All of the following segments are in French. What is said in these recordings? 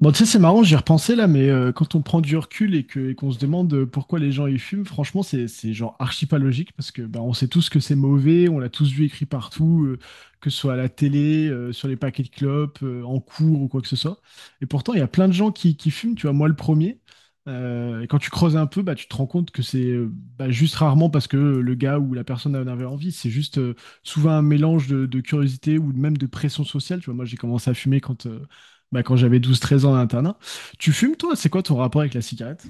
Bon, tu sais, c'est marrant, j'y ai repensé là, mais quand on prend du recul et qu'on se demande, pourquoi les gens y fument, franchement, c'est genre archi pas logique parce que bah, on sait tous que c'est mauvais, on l'a tous vu écrit partout, que ce soit à la télé, sur les paquets de clopes, en cours ou quoi que ce soit. Et pourtant, il y a plein de gens qui fument, tu vois, moi le premier. Et quand tu creuses un peu, bah, tu te rends compte que c'est juste rarement parce que le gars ou la personne en avait envie, c'est juste souvent un mélange de curiosité ou même de pression sociale. Tu vois, moi j'ai commencé à fumer quand j'avais 12 13 ans à l'internat. Tu fumes, toi? C'est quoi ton rapport avec la cigarette?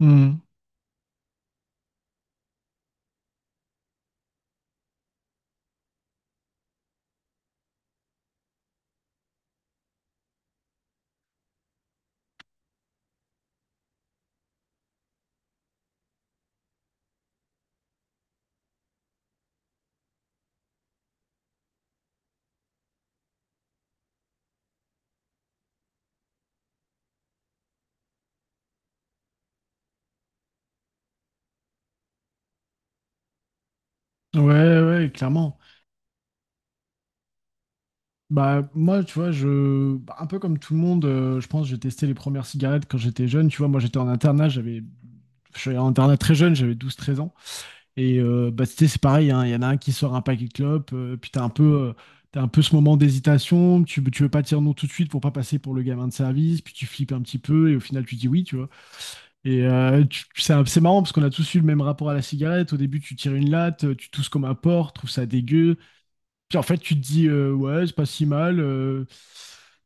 Hmm. Ouais, ouais, clairement. Bah, moi, tu vois, un peu comme tout le monde, je pense, que j'ai testé les premières cigarettes quand j'étais jeune. Tu vois, moi, j'étais en internat, j'avais, je suis allé en internat très jeune, j'avais douze treize ans. Et c'était, c'est pareil, hein, il y en a un qui sort un paquet de clopes, puis euh, t'as un peu ce moment d'hésitation, tu veux pas dire non tout de suite pour pas passer pour le gamin de service, puis tu flippes un petit peu, et au final, tu dis oui, tu vois. Et c'est marrant parce qu'on a tous eu le même rapport à la cigarette. Au début, tu tires une latte, tu tousses comme un porc, trouves ça dégueu. Puis en fait, tu te dis, ouais, c'est pas si mal. euh,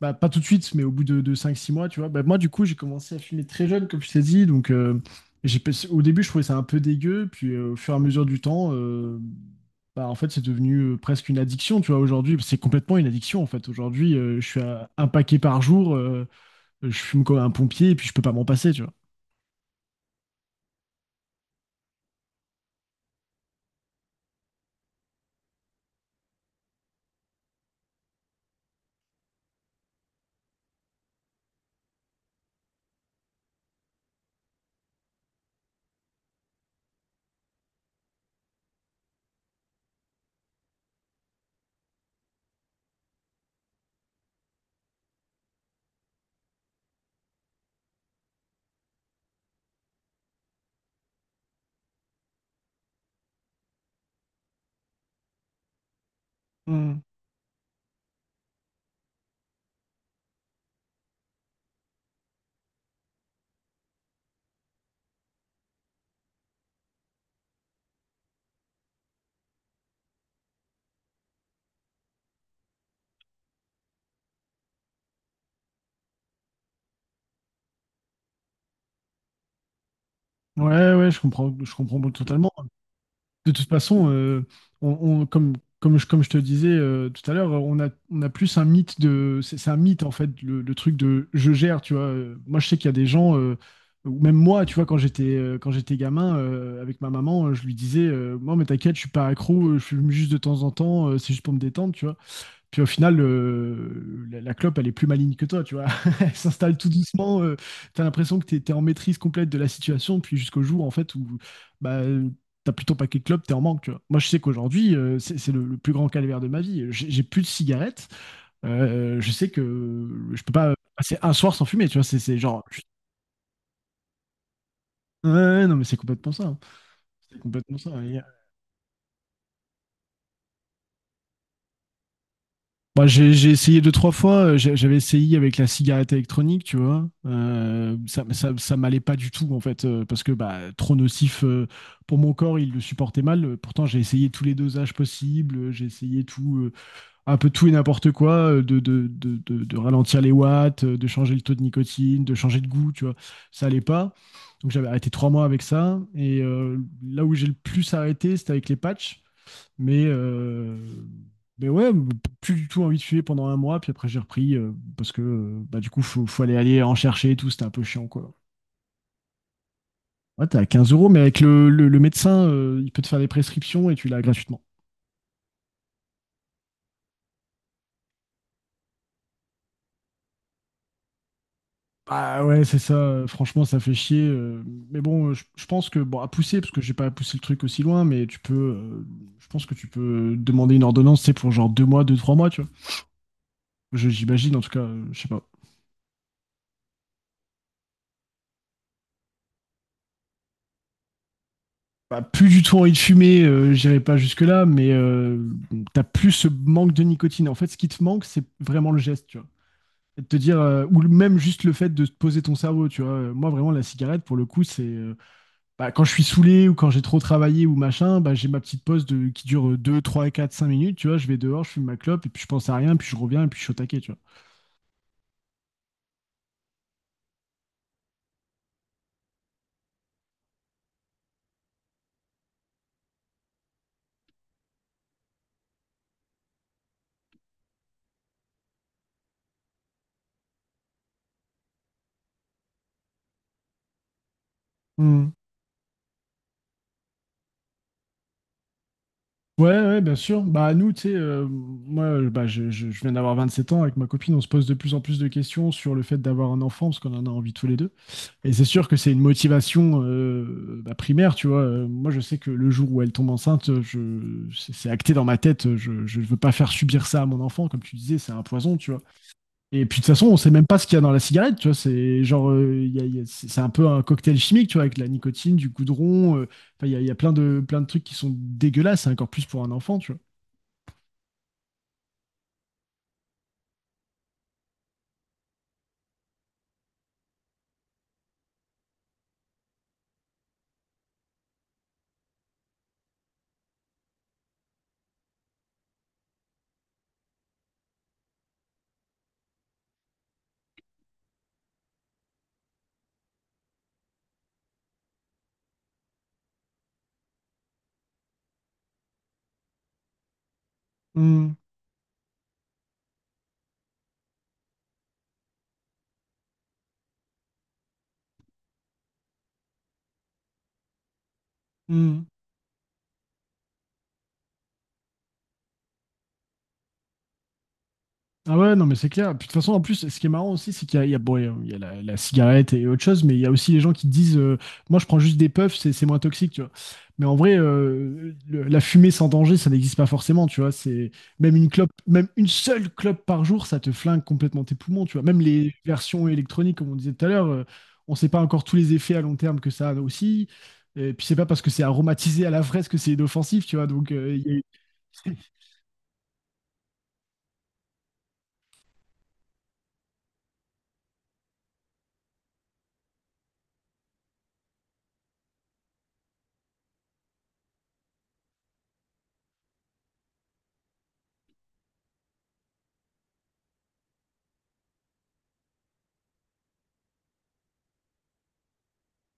bah, Pas tout de suite, mais au bout de 5-6 mois, tu vois. Bah, moi, du coup, j'ai commencé à fumer très jeune, comme je t'ai dit. Donc, j'ai, pas- au début, je trouvais ça un peu dégueu. Puis au fur et à mesure du temps, bah, en fait, c'est devenu presque une addiction, tu vois. Aujourd'hui, c'est complètement une addiction, en fait. Aujourd'hui, je suis à un paquet par jour. Je fume comme un pompier et puis je peux pas m'en passer, tu vois. Hmm. Ouais, ouais, je comprends totalement. De toute façon, on, on- comme, comme je te disais tout à l'heure, on a plus un mythe de. C'est un mythe, en fait, le truc de je gère, tu vois. Moi, je sais qu'il y a des gens, ou même moi, tu vois, quand j'étais gamin, avec ma maman, je lui disais, moi, mais t'inquiète, je suis pas accro, je fume juste de temps en temps, c'est juste pour me détendre, tu vois. Puis au final, la clope, elle est plus maligne que toi, tu vois. Elle s'installe tout doucement. T'as l'impression que t'es en maîtrise complète de la situation, puis jusqu'au jour, en fait, où bah, t'as plutôt paquet de clopes, t'es en manque, tu vois. Moi, je sais qu'aujourd'hui, le plus grand calvaire de ma vie. J'ai plus de cigarettes. Je sais que je peux pas passer un soir sans fumer, tu vois. C'est genre... Ouais, ouais, non, mais c'est complètement ça, hein. C'est complètement ça. Bah, j'ai essayé deux, trois fois. J'avais essayé avec la cigarette électronique, tu vois. Ça m'allait pas du tout, en fait, parce que bah, trop nocif, pour mon corps, il le supportait mal. Pourtant, j'ai essayé tous les dosages possibles. J'ai essayé tout, un peu tout et n'importe quoi, de ralentir les watts, de changer le taux de nicotine, de changer de goût, tu vois. Ça allait pas. Donc, j'avais arrêté 3 mois avec ça. Et là où j'ai le plus arrêté, c'était avec les patchs. Mais, euh, mais ouais, plus du tout envie de fumer pendant 1 mois, puis après j'ai repris parce que bah, du coup, faut aller, aller en chercher et tout, c'était un peu chiant quoi. Ouais, t'es à 15 euros, mais avec le médecin, il peut te faire des prescriptions et tu l'as gratuitement. Ah ouais, c'est ça, franchement, ça fait chier. Mais bon, je pense que, bon, à pousser, parce que j'ai pas poussé le truc aussi loin, mais je pense que tu peux demander une ordonnance, c'est pour genre 2 mois, deux, 3 mois, tu vois. J'imagine, en tout cas, je sais pas. Bah, plus du tout envie de fumer, j'irai pas jusque-là, mais t'as plus ce manque de nicotine. En fait, ce qui te manque, c'est vraiment le geste, tu vois. Et de te dire, même juste le fait de te poser ton cerveau, tu vois. Moi, vraiment, la cigarette, pour le coup, c'est bah, quand je suis saoulé ou quand j'ai trop travaillé ou machin, bah, j'ai ma petite pause de, qui dure 2 3 4 5 minutes, tu vois. Je vais dehors, je fume ma clope, et puis je pense à rien, puis je reviens, et puis je suis au taquet, tu vois. Ouais, ouais, bien sûr. Bah, nous, tu sais, moi, bah, je viens d'avoir 27 ans. Avec ma copine, on se pose de plus en plus de questions sur le fait d'avoir un enfant, parce qu'on en a envie tous les deux. Et c'est sûr que c'est une motivation, bah, primaire, tu vois. Moi, je sais que le jour où elle tombe enceinte, c'est acté dans ma tête. Je ne veux pas faire subir ça à mon enfant. Comme tu disais, c'est un poison, tu vois. Et puis de toute façon, on sait même pas ce qu'il y a dans la cigarette, tu vois. C'est genre, il y a- c'est un peu un cocktail chimique, tu vois, avec de la nicotine, du goudron. Enfin, il y a plein plein de trucs qui sont dégueulasses, et encore plus pour un enfant, tu vois. Hmm, hmm. Ah ouais, non, mais c'est clair. Puis de toute façon, en plus, ce qui est marrant aussi, c'est qu'il y a, il y a- bon, il y a la cigarette et autre chose, mais il y a aussi les gens qui disent, moi, je prends juste des puffs, c'est moins toxique, tu vois. Mais en vrai, la fumée sans danger, ça n'existe pas forcément, tu vois. C'est même une clope, même une seule clope par jour, ça te flingue complètement tes poumons, tu vois. Même les versions électroniques, comme on disait tout à l'heure, on ne sait pas encore tous les effets à long terme que ça a aussi. Et puis, c'est pas parce que c'est aromatisé à la fraise que c'est inoffensif, tu vois. Donc,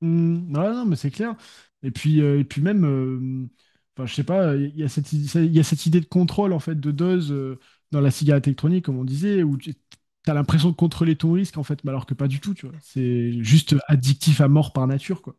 hmm, ouais, non, mais c'est clair. Et puis, même, enfin, je sais pas, il y a cette, il y a cette idée de contrôle en fait de dose, dans la cigarette électronique, comme on disait, où tu as l'impression de contrôler ton risque en fait, mais alors que pas du tout, tu vois. C'est juste addictif à mort par nature, quoi.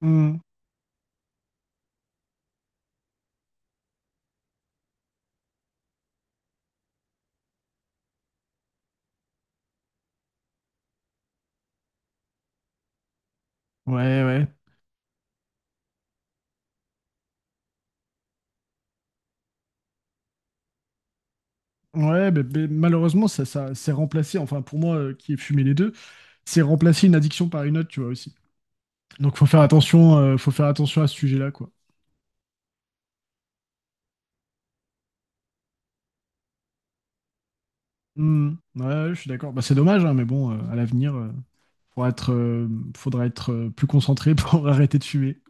Hmm. Ouais, ouais. Ouais, mais malheureusement, ça c'est remplacé, enfin pour moi qui ai fumé les deux, c'est remplacé une addiction par une autre, tu vois aussi. Donc faut faire attention à ce sujet-là, quoi. Hmm. Ouais, je suis d'accord. Bah, c'est dommage, hein, mais bon, à l'avenir. Pour être, euh, Faudra être plus concentré pour arrêter de fumer.